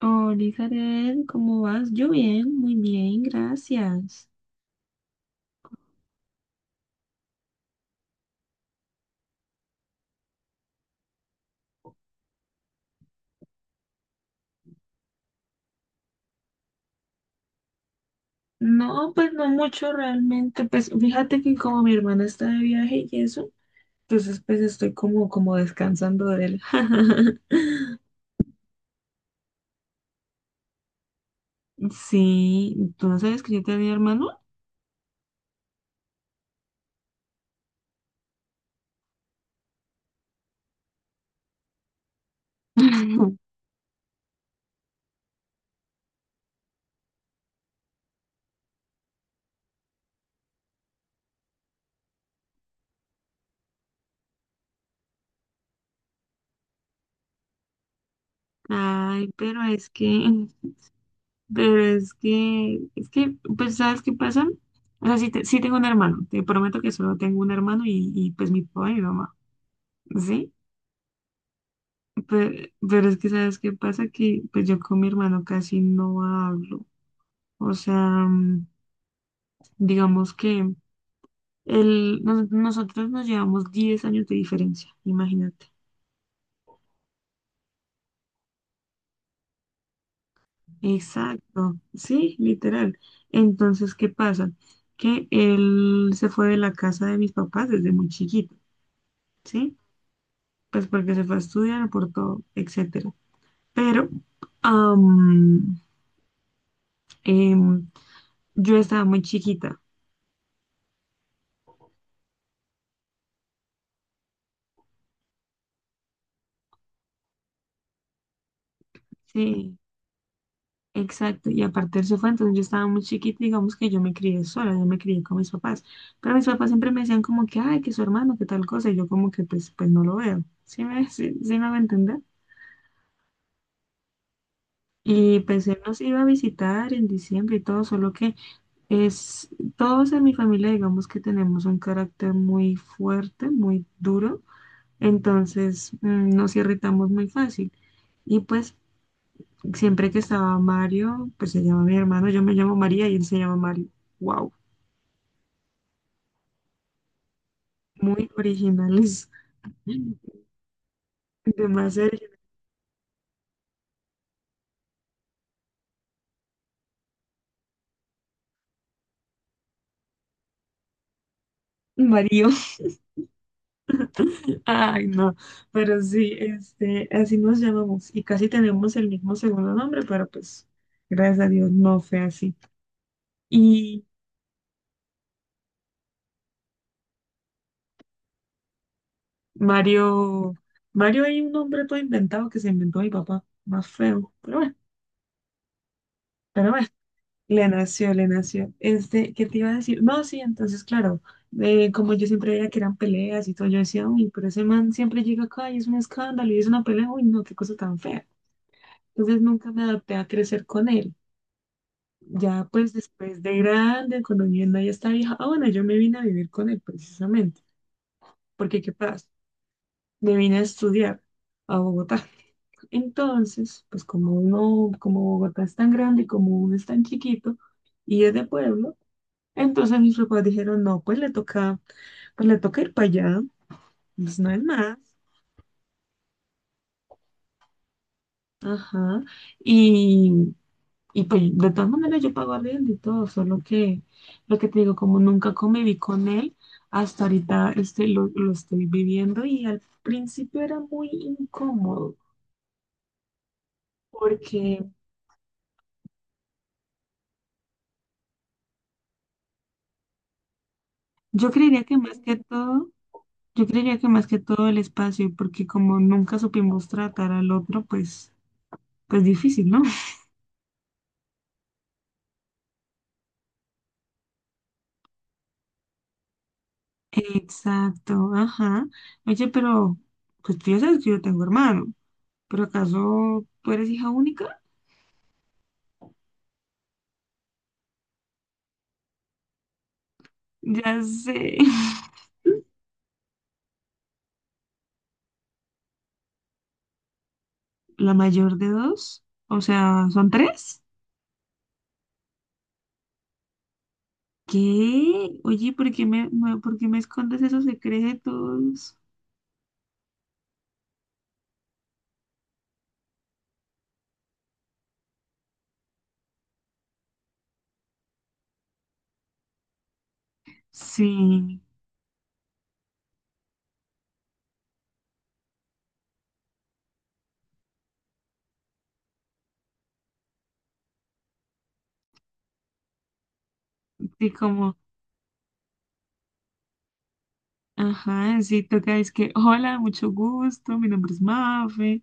Hola, Karel, ¿cómo vas? Yo bien, muy bien, gracias. No, pues no mucho realmente. Pues fíjate que como mi hermana está de viaje y eso, entonces pues estoy como, como descansando de él. Sí, ¿tú no sabes que yo tenía hermano? Ay, pero es que, pues, ¿sabes qué pasa? O sea, sí, sí tengo un hermano, te prometo que solo tengo un hermano y pues mi papá y mi mamá, ¿sí? Pero, es que, ¿sabes qué pasa? Que pues yo con mi hermano casi no hablo. O sea, mm, digamos que él, nosotros nos llevamos 10 años de diferencia, imagínate. Exacto, sí, literal. Entonces, ¿qué pasa? Que él se fue de la casa de mis papás desde muy chiquito, ¿sí? Pues porque se fue a estudiar por todo, etcétera. Pero am, em, yo estaba muy chiquita, sí. Exacto, y aparte él se fue, entonces yo estaba muy chiquita, digamos que yo me crié sola, yo me crié con mis papás, pero mis papás siempre me decían como que, ay, que su hermano, que tal cosa, y yo como que pues, pues no lo veo, sí, sí me va a entender? Y pues él nos iba a visitar en diciembre y todo, solo que es, todos en mi familia digamos que tenemos un carácter muy fuerte, muy duro, entonces nos irritamos muy fácil. Y pues siempre que estaba Mario, pues se llama mi hermano, yo me llamo María y él se llama Mario. Wow. Muy originales. Demasiado originales. Mario. Ay, no. Pero sí, este, así nos llamamos. Y casi tenemos el mismo segundo nombre, pero pues, gracias a Dios, no fue así. Y Mario, Mario hay un nombre todo inventado que se inventó mi papá, más feo. Pero bueno, le nació. Este, ¿qué te iba a decir? No, sí, entonces, claro, como yo siempre veía que eran peleas y todo, yo decía, uy, pero ese man siempre llega acá y es un escándalo y es una pelea, uy, no, qué cosa tan fea. Entonces nunca me adapté a crecer con él. Ya pues después de grande, cuando mi hermana ya está vieja, ah bueno, yo me vine a vivir con él precisamente, porque ¿qué pasa? Me vine a estudiar a Bogotá. Entonces, pues como uno, como Bogotá es tan grande y como uno es tan chiquito y es de pueblo, entonces mis papás dijeron, no, pues le toca ir para allá, pues no es más. Ajá. Y, Y pues de todas maneras yo pago arriendo y todo, solo que lo que te digo, como nunca conviví con él, hasta ahorita este, lo estoy viviendo y al principio era muy incómodo, porque yo creería que más que todo, yo creería que más que todo el espacio, porque como nunca supimos tratar al otro, pues, pues difícil, ¿no? Exacto, ajá. Oye, pero pues tú ya sabes que yo tengo hermano, pero ¿acaso tú eres hija única? Ya sé. La mayor de dos, o sea, ¿son tres? ¿Qué? Oye, por qué me escondes esos secretos? Sí, sí, como, ajá, sí, toca, es que, hola, mucho gusto, mi nombre es Mafe,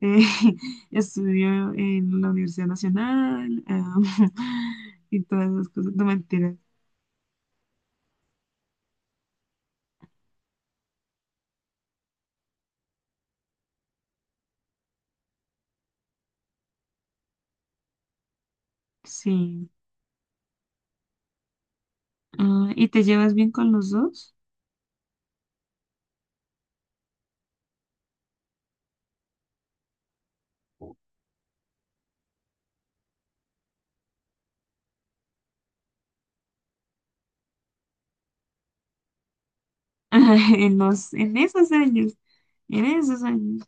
eh, estudio en la Universidad Nacional, ah, y todas esas cosas, no mentiras, sí. Ah, ¿y te llevas bien con los dos? En en esos años, en esos años.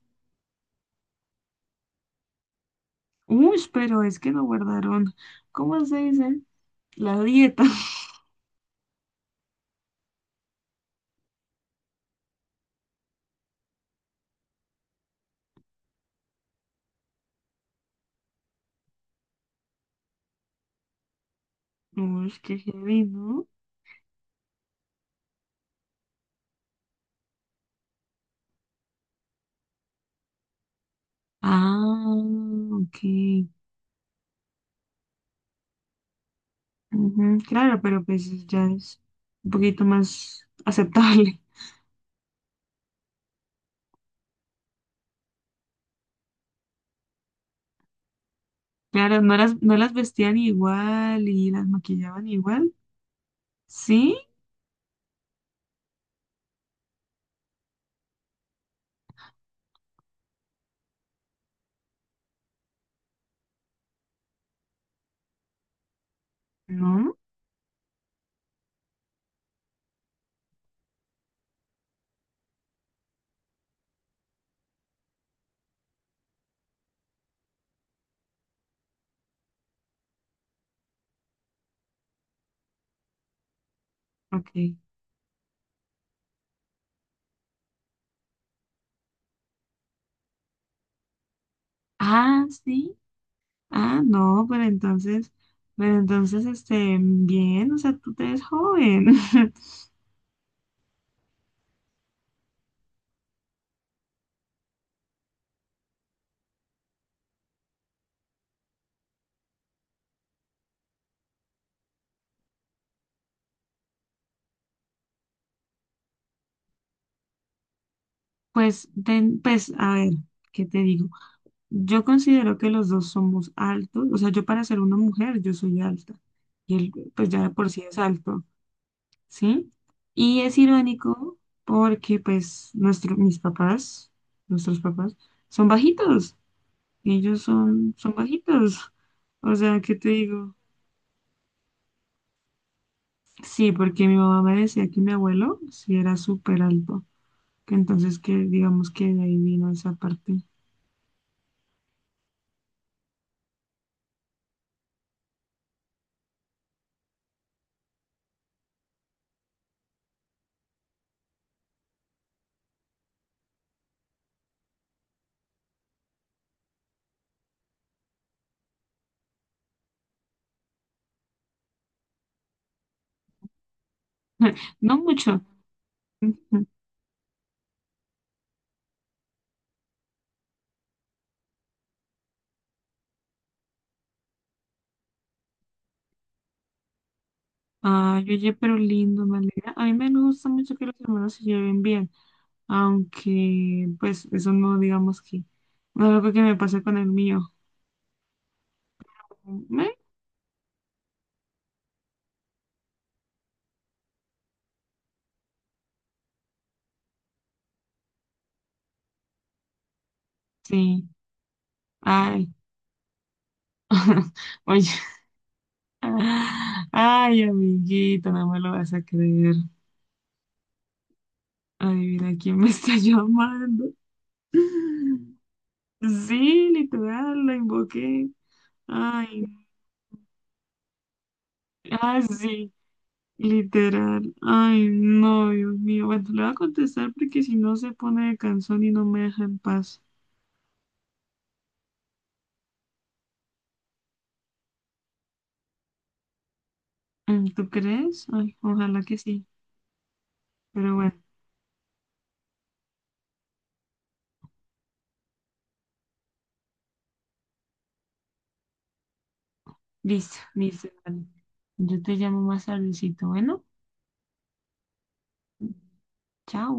Uy, pero es que no guardaron, ¿cómo se dice? La dieta. Uy, qué heavy, ¿no? Ah, ok. Ujú, claro, pero pues ya es un poquito más aceptable. Claro, no las vestían igual y las maquillaban igual. ¿Sí? ¿No? Ok. Ah, sí. Ah, no, pero entonces, este, bien, o sea, tú te ves joven. Pues, pues, a ver, ¿qué te digo? Yo considero que los dos somos altos, o sea, yo para ser una mujer, yo soy alta y él pues ya de por sí es alto, ¿sí? Y es irónico porque pues mis papás, nuestros papás, son bajitos, ellos son, son bajitos, o sea, ¿qué te digo? Sí, porque mi mamá me decía que mi abuelo sí era súper alto, que entonces que digamos que de ahí vino esa parte, no mucho. Ay, oye, pero lindo, me alegra. A mí me gusta mucho que los hermanos se lleven bien, aunque pues eso no digamos que no es algo que me pasa con el mío. ¿Me? Sí, ay, oye, ay, amiguito, no me lo vas a creer. Adivina quién me está llamando. Sí, literal, la invoqué. Ay, ah, sí. Literal. Ay, no, Dios mío. Bueno, le voy a contestar porque si no se pone de canción y no me deja en paz. Mm, ¿tú crees? Ay, ojalá que sí. Pero bueno, listo, listo. Vale. Yo te llamo más tardecito. Bueno, chao.